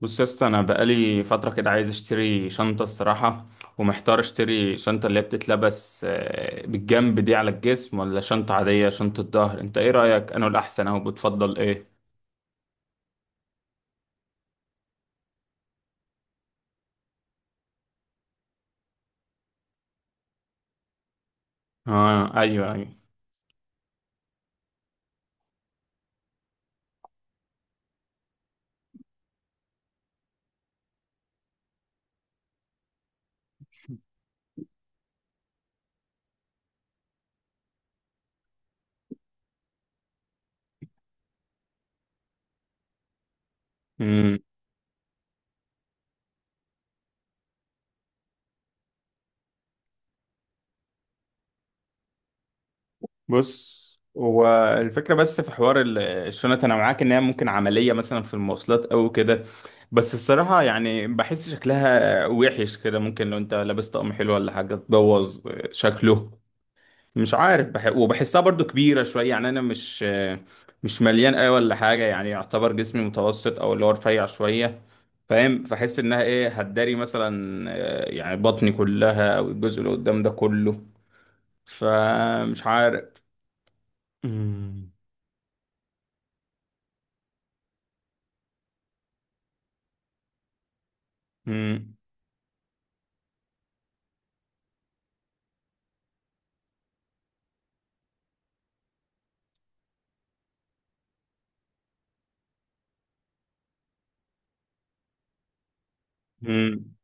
بص يا اسطى، انا بقالي فتره كده عايز اشتري شنطه الصراحه. ومحتار اشتري شنطه اللي هي بتتلبس بالجنب دي على الجسم، ولا شنطه عاديه شنطه ظهر. انت ايه رايك انا الاحسن او بتفضل ايه؟ اه، ايوه ايوه. امم بص هو، الفكره بس في حوار الشنط انا معاك ان هي ممكن عمليه مثلا في المواصلات او كده. بس الصراحه يعني بحس شكلها وحش كده، ممكن لو انت لابس طقم حلو ولا حاجه تبوظ شكله. مش عارف وبحسها برضو كبيرة شوية، يعني أنا مش مليان أوي ولا حاجة. يعني يعتبر جسمي متوسط أو اللي هو رفيع شوية، فاهم؟ فحس إنها إيه هتداري مثلا يعني بطني كلها أو الجزء اللي قدام ده كله. فمش عارف. مم. مم. مم.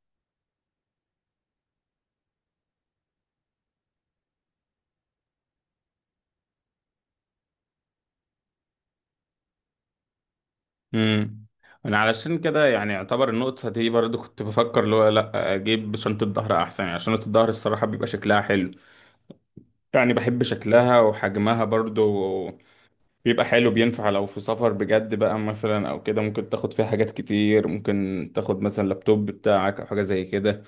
مم. أنا علشان كده يعني يعتبر النقطة دي برضو كنت بفكر اللي هو لأ، أجيب شنطة ظهر أحسن. يعني شنطة الظهر الصراحة بيبقى شكلها حلو، يعني بحب شكلها وحجمها برضو. بيبقى حلو، بينفع لو في سفر بجد بقى مثلا او كده، ممكن تاخد فيها حاجات كتير، ممكن تاخد مثلا لابتوب بتاعك او حاجه زي كده.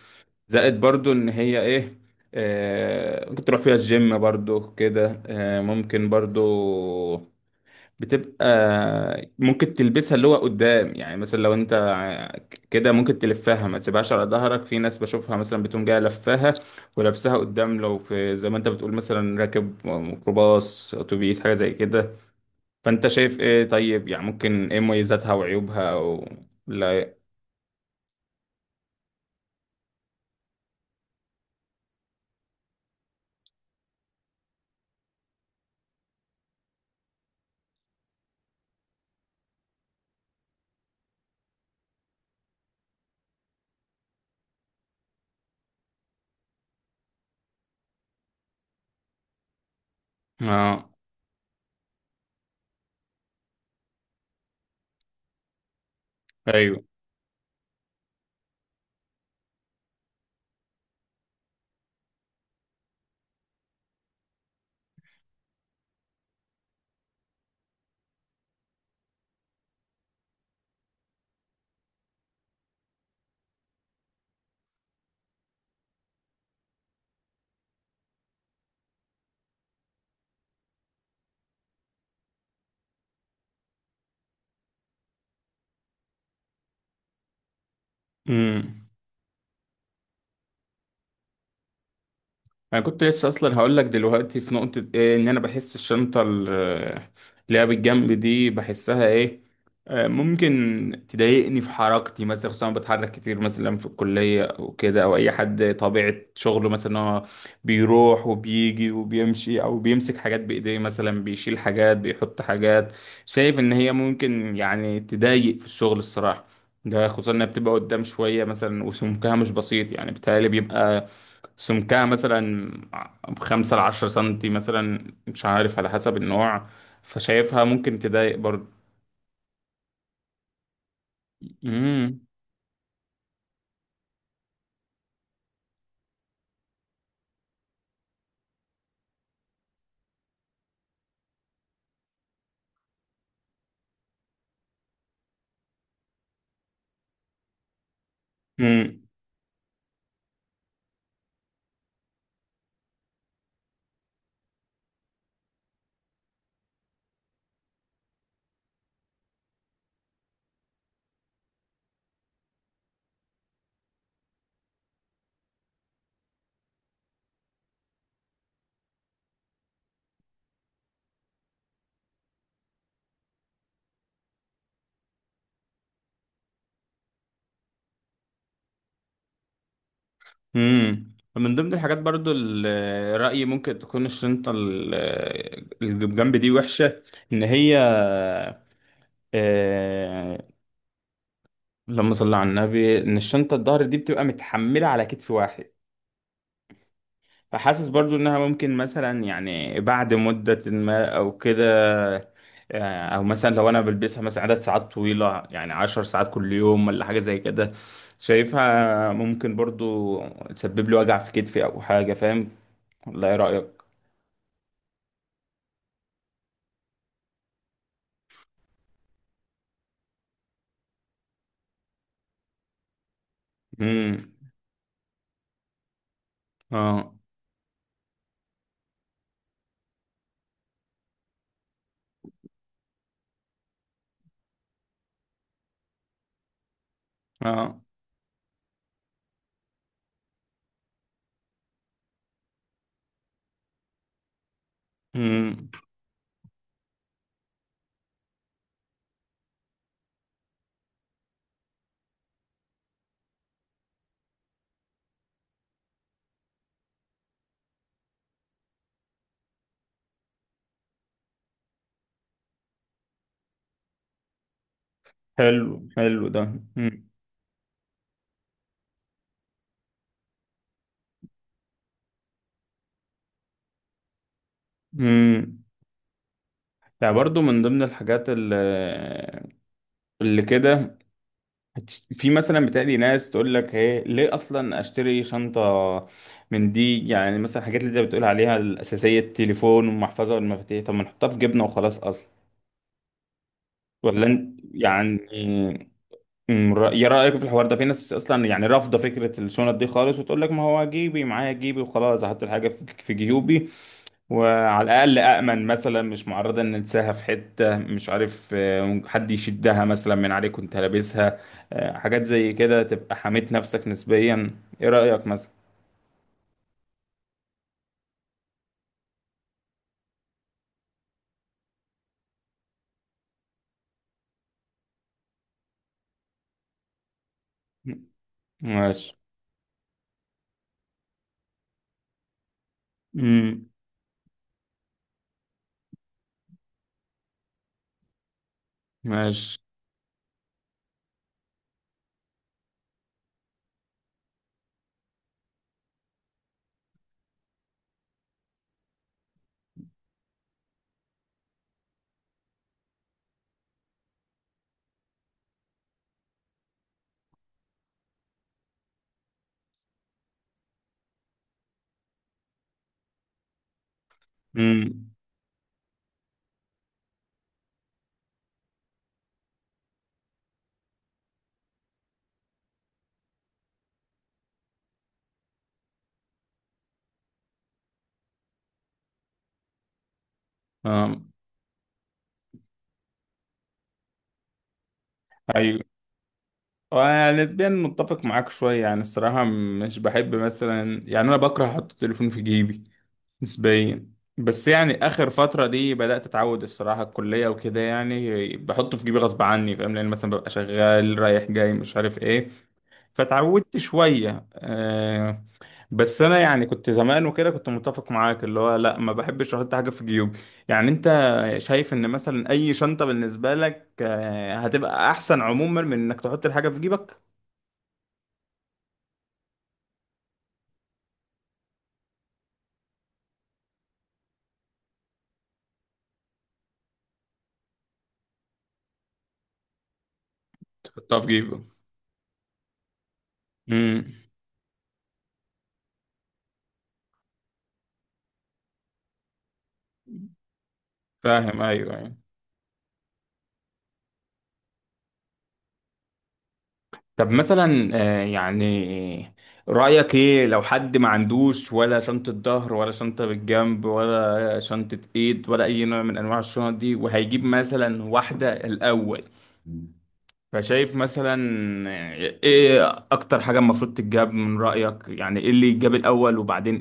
زائد برضو ان هي ايه، آه ممكن تروح فيها الجيم برضو كده، آه ممكن برضو بتبقى ممكن تلبسها اللي هو قدام. يعني مثلا لو انت كده ممكن تلفها ما تسيبهاش على ظهرك، في ناس بشوفها مثلا بتقوم جايه لفاها ولابسها قدام لو في زي ما انت بتقول مثلا راكب ميكروباص اتوبيس حاجه زي كده. فانت شايف ايه طيب؟ يعني ممكن ايه مميزاتها وعيوبها، او لا. اه، ايوه. امم انا كنت لسه اصلا هقول لك دلوقتي في نقطة ايه، ان انا بحس الشنطة اللي هي بالجنب دي بحسها ايه، ممكن تضايقني في حركتي مثلا. خصوصا أنا بتحرك كتير مثلا في الكلية او كده، او اي حد طبيعة شغله مثلا هو بيروح وبيجي وبيمشي او بيمسك حاجات بايديه، مثلا بيشيل حاجات بيحط حاجات. شايف ان هي ممكن يعني تضايق في الشغل الصراحة، ده خصوصا انها بتبقى قدام شوية مثلا وسمكها مش بسيط. يعني بيتهيألي بيبقى سمكها مثلا ب5 لـ10 سنتي مثلا، مش عارف على حسب النوع. فشايفها ممكن تضايق برضو. مم. مم. مم. من ضمن الحاجات برضو، رأيي ممكن تكون الشنطة اللي جنب دي وحشة، إن هي آه، اللهم صل على النبي، إن الشنطة الظهر دي بتبقى متحملة على كتف واحد. فحاسس برضو انها ممكن مثلا، يعني بعد مدة ما او كده، او مثلا لو انا بلبسها مثلا عدد ساعات طويلة، يعني 10 ساعات كل يوم ولا حاجة زي كده، شايفها ممكن برضو تسبب لي وجع في كتفي او حاجة، فاهم؟ ولا ايه رأيك؟ امم. اه، اه. امم. حلو، حلو ده. امم، امم. يعني برضو من ضمن الحاجات اللي كده، في مثلا بتقلي ناس تقول لك ايه ليه اصلا اشتري شنطه من دي؟ يعني مثلا الحاجات اللي انت بتقول عليها الاساسيه، التليفون والمحفظه والمفاتيح، طب ما نحطها في جبنه وخلاص اصلا؟ ولا انت يعني. يا رايك في الحوار ده، في ناس اصلا يعني رافضه فكره الشنط دي خالص وتقول لك ما هو جيبي معايا، جيبي وخلاص، احط الحاجه في جيوبي، وعلى الأقل أأمن مثلا، مش معرضة إن تساها في حتة، مش عارف، حد يشدها مثلا من عليك وأنت لابسها. حاجات زي كده تبقى حميت نفسك نسبيا، إيه رأيك مثلا؟ ماشي. امم. ماشي. امم. آه. أيوه، أنا نسبيا متفق معاك شوية. يعني الصراحة مش بحب مثلا، يعني أنا بكره أحط التليفون في جيبي نسبيا. بس يعني اخر فتره دي بدات اتعود الصراحه الكليه وكده، يعني بحطه في جيبي غصب عني، فاهم؟ لان مثلا ببقى شغال رايح جاي، مش عارف ايه، فتعودت شويه. بس انا يعني كنت زمان وكده كنت متفق معاك اللي هو لا، ما بحبش احط حاجه في جيوبي. يعني انت شايف ان مثلا اي شنطه بالنسبه لك هتبقى احسن عموما من انك تحط الحاجه في جيبك؟ تحطها في جيبك. امم. فاهم، ايوه ايوه. طب مثلا، يعني رأيك ايه لو حد ما عندوش ولا شنطة ظهر ولا شنطة بالجنب ولا شنطة ايد ولا اي نوع من انواع الشنط دي، وهيجيب مثلا واحدة الاول، فشايف مثلا ايه اكتر حاجة المفروض تتجاب من رأيك؟ يعني ايه اللي يتجاب الاول وبعدين؟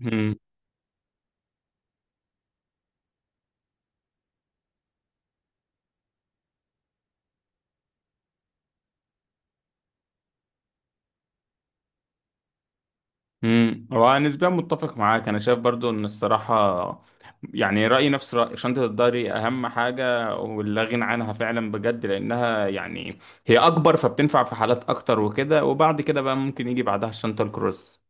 ايه. هو نسبيا متفق معاك، انا شايف برضو ان الصراحه يعني رايي نفس راي، شنطه الضهري اهم حاجه ولا غنى عنها فعلا بجد. لانها يعني هي اكبر، فبتنفع في حالات اكتر وكده، وبعد كده بقى ممكن يجي بعدها الشنطه الكروس.